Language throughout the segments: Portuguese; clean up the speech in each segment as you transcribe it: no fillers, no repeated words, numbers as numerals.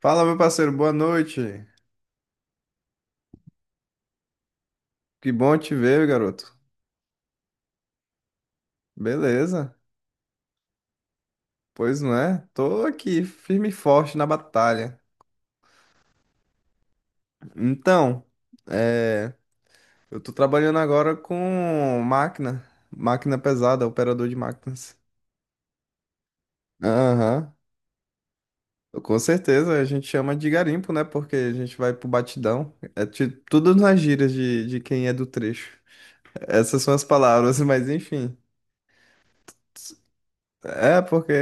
Fala, meu parceiro, boa noite. Que bom te ver, garoto. Beleza? Pois não é? Tô aqui, firme e forte na batalha. Então, é, eu tô trabalhando agora com máquina, máquina pesada, operador de máquinas. Aham. Com certeza, a gente chama de garimpo, né? Porque a gente vai pro batidão. É tudo nas gírias de quem é do trecho. Essas são as palavras, mas enfim. É, porque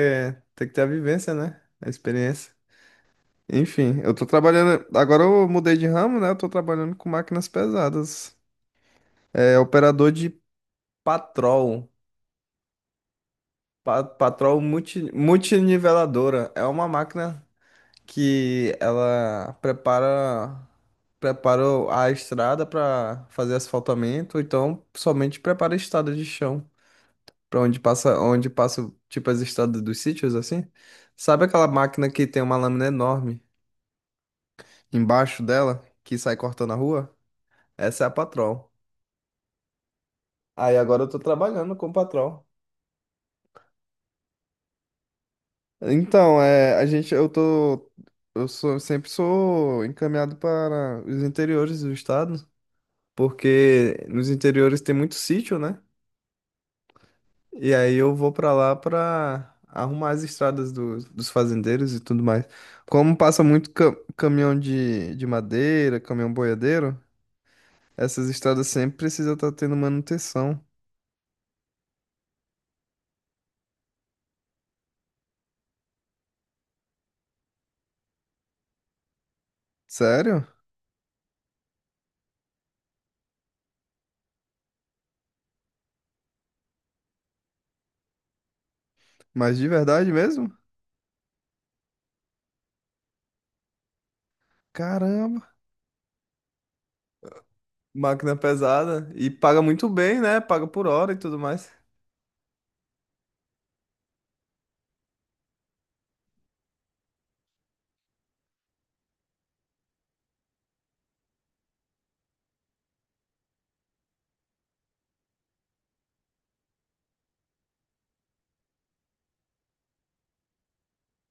tem que ter a vivência, né? A experiência. Enfim, eu tô trabalhando. Agora eu mudei de ramo, né? Eu tô trabalhando com máquinas pesadas. É operador de patrol. Patrol multiniveladora. É uma máquina que ela prepara a estrada para fazer asfaltamento, ou então somente prepara a estrada de chão, para onde passa tipo as estradas dos sítios assim. Sabe aquela máquina que tem uma lâmina enorme embaixo dela que sai cortando a rua? Essa é a patrol. Aí agora eu tô trabalhando como patrão. Então, a gente, eu tô, eu sou, sempre sou encaminhado para os interiores do estado, porque nos interiores tem muito sítio, né? E aí eu vou pra lá pra arrumar as estradas dos fazendeiros e tudo mais. Como passa muito caminhão de madeira, caminhão boiadeiro, essas estradas sempre precisam estar tendo manutenção. Sério? Mas de verdade mesmo? Caramba! Máquina pesada e paga muito bem, né? Paga por hora e tudo mais.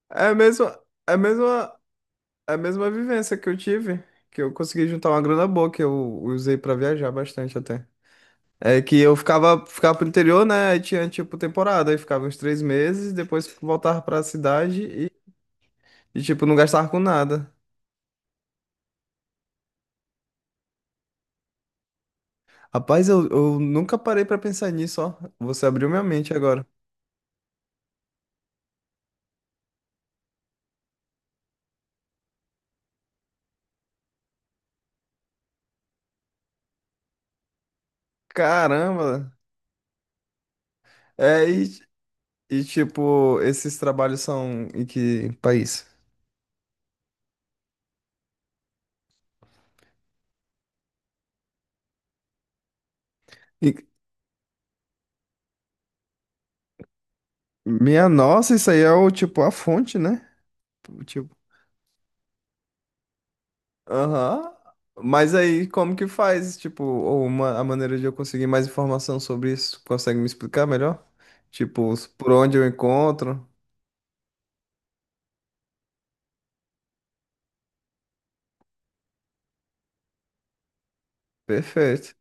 É a mesma, é a mesma, é a mesma vivência que eu tive, que eu consegui juntar uma grana boa que eu usei pra viajar bastante até. É que eu ficava pro interior, né? Aí tinha tipo temporada, aí ficava uns 3 meses, depois voltava pra cidade e tipo não gastava com nada. Rapaz, eu nunca parei pra pensar nisso, ó. Você abriu minha mente agora. Caramba! É, e, e tipo, esses trabalhos são em que país? E- Minha nossa, isso aí é o tipo a fonte, né? Tipo, aham. Mas aí, como que faz? Tipo, a maneira de eu conseguir mais informação sobre isso? Consegue me explicar melhor? Tipo, por onde eu encontro? Perfeito.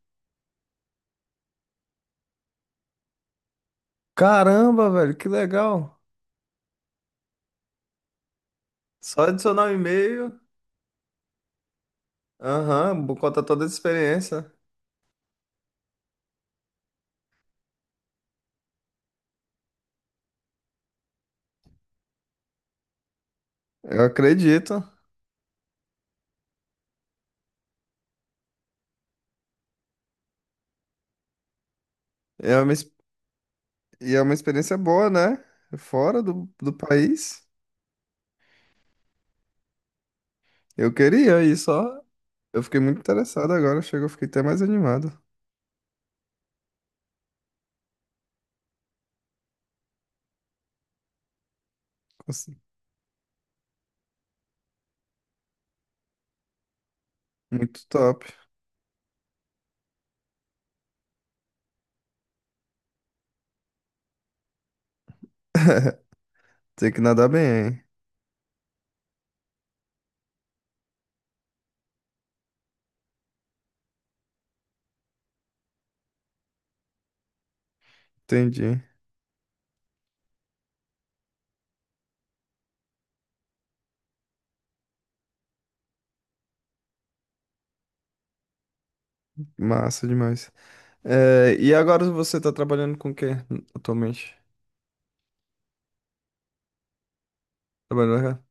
Caramba, velho, que legal. Só adicionar o e-mail. Aham, vou contar toda a experiência. Eu acredito. É uma, ex- e é uma experiência boa, né? Fora do país. Eu queria isso, ó. Eu fiquei muito interessado agora, chegou, fiquei até mais animado. Nossa, muito top. Tem que nadar bem, hein? Entendi. Massa demais. E agora você tá trabalhando com o quê atualmente? Trabalhando já?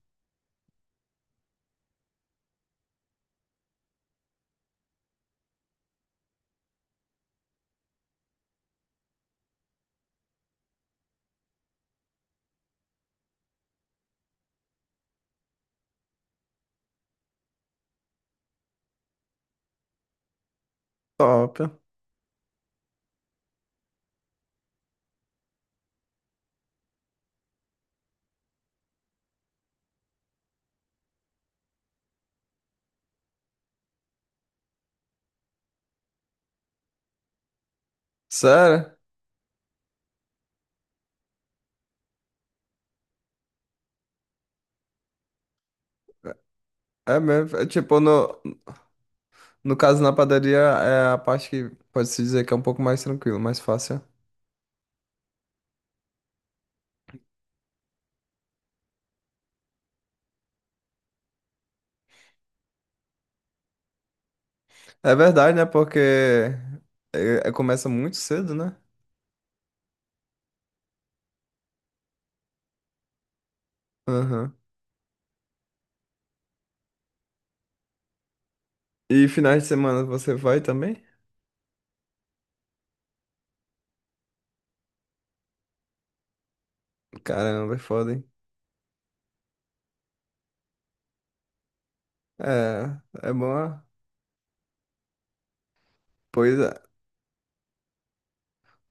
Top. Sério? É mesmo. É tipo, no caso na padaria é a parte que pode-se dizer que é um pouco mais tranquilo, mais fácil. É verdade, né? Porque começa muito cedo, né? Aham. E finais de semana você vai também? Caramba, é foda, hein? É, é bom. Ah. Pois é.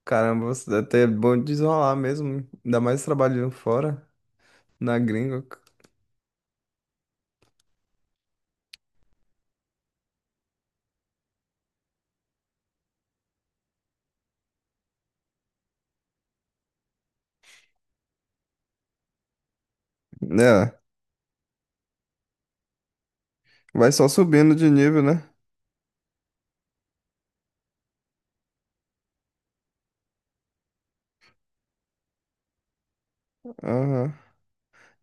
Caramba, você até é bom desenrolar mesmo. Ainda mais trabalhando fora, na gringa. É, vai só subindo de nível, né? Aham.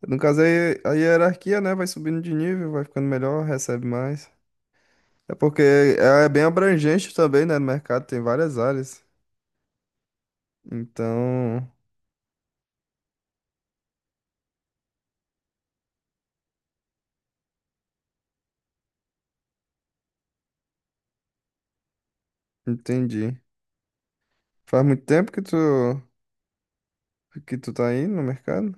No caso, aí a hierarquia, né? Vai subindo de nível, vai ficando melhor, recebe mais. É porque é bem abrangente também, né? No mercado tem várias áreas. Então, entendi. Faz muito tempo que tu tá aí no mercado?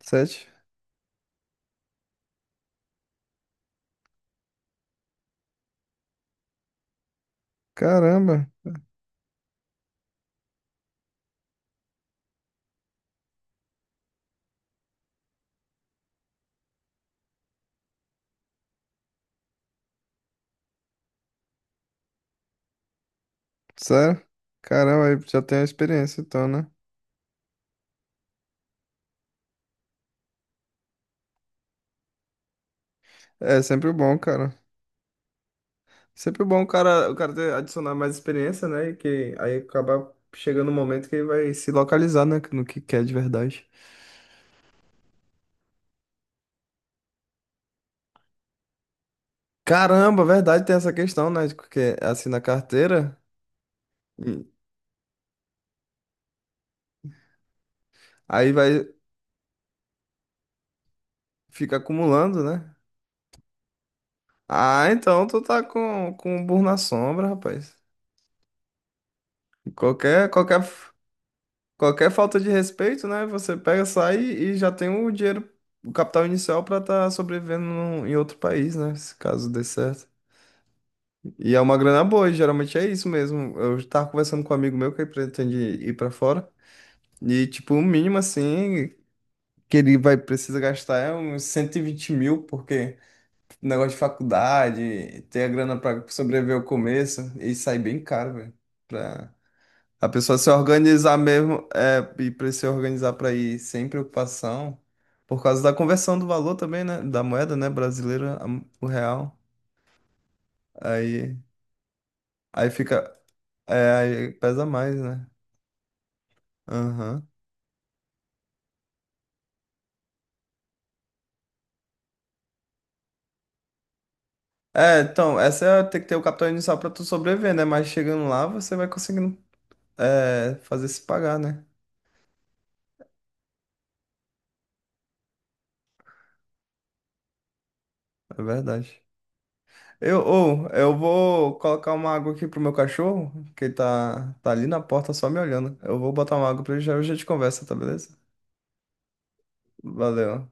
Sete? Caramba. Sério? Caramba, aí já tem a experiência então, né? É sempre bom, cara. Sempre bom o cara, ter, adicionar mais experiência, né? E que aí acaba chegando um momento que ele vai se localizar, né? No que quer de verdade. Caramba, verdade, tem essa questão, né? de Porque assim na carteira, hum, aí vai fica acumulando, né? Ah, então tu tá com um burro na sombra, rapaz. Qualquer, qualquer Qualquer falta de respeito, né? Você pega, sai e já tem o dinheiro, o capital inicial pra estar sobrevivendo em outro país, né? Se caso dê certo. E é uma grana boa, e geralmente é isso mesmo. Eu tava conversando com um amigo meu que pretende ir pra fora. E, tipo, o mínimo, assim, que ele vai precisa gastar é uns 120 mil, porque negócio de faculdade, ter a grana pra sobreviver ao começo, e sai bem caro, velho. A pessoa se organizar mesmo e para se organizar para ir sem preocupação, por causa da conversão do valor também, né? Da moeda, né? Brasileira, o real. Aí, aí fica. É, aí pesa mais, né? Aham. É, então, tem que ter o capital inicial para tu sobreviver, né? Mas chegando lá, você vai conseguindo fazer se pagar, né? É verdade. Eu vou colocar uma água aqui pro meu cachorro, que ele tá ali na porta só me olhando. Eu vou botar uma água pra ele já, já te conversa, tá beleza? Valeu.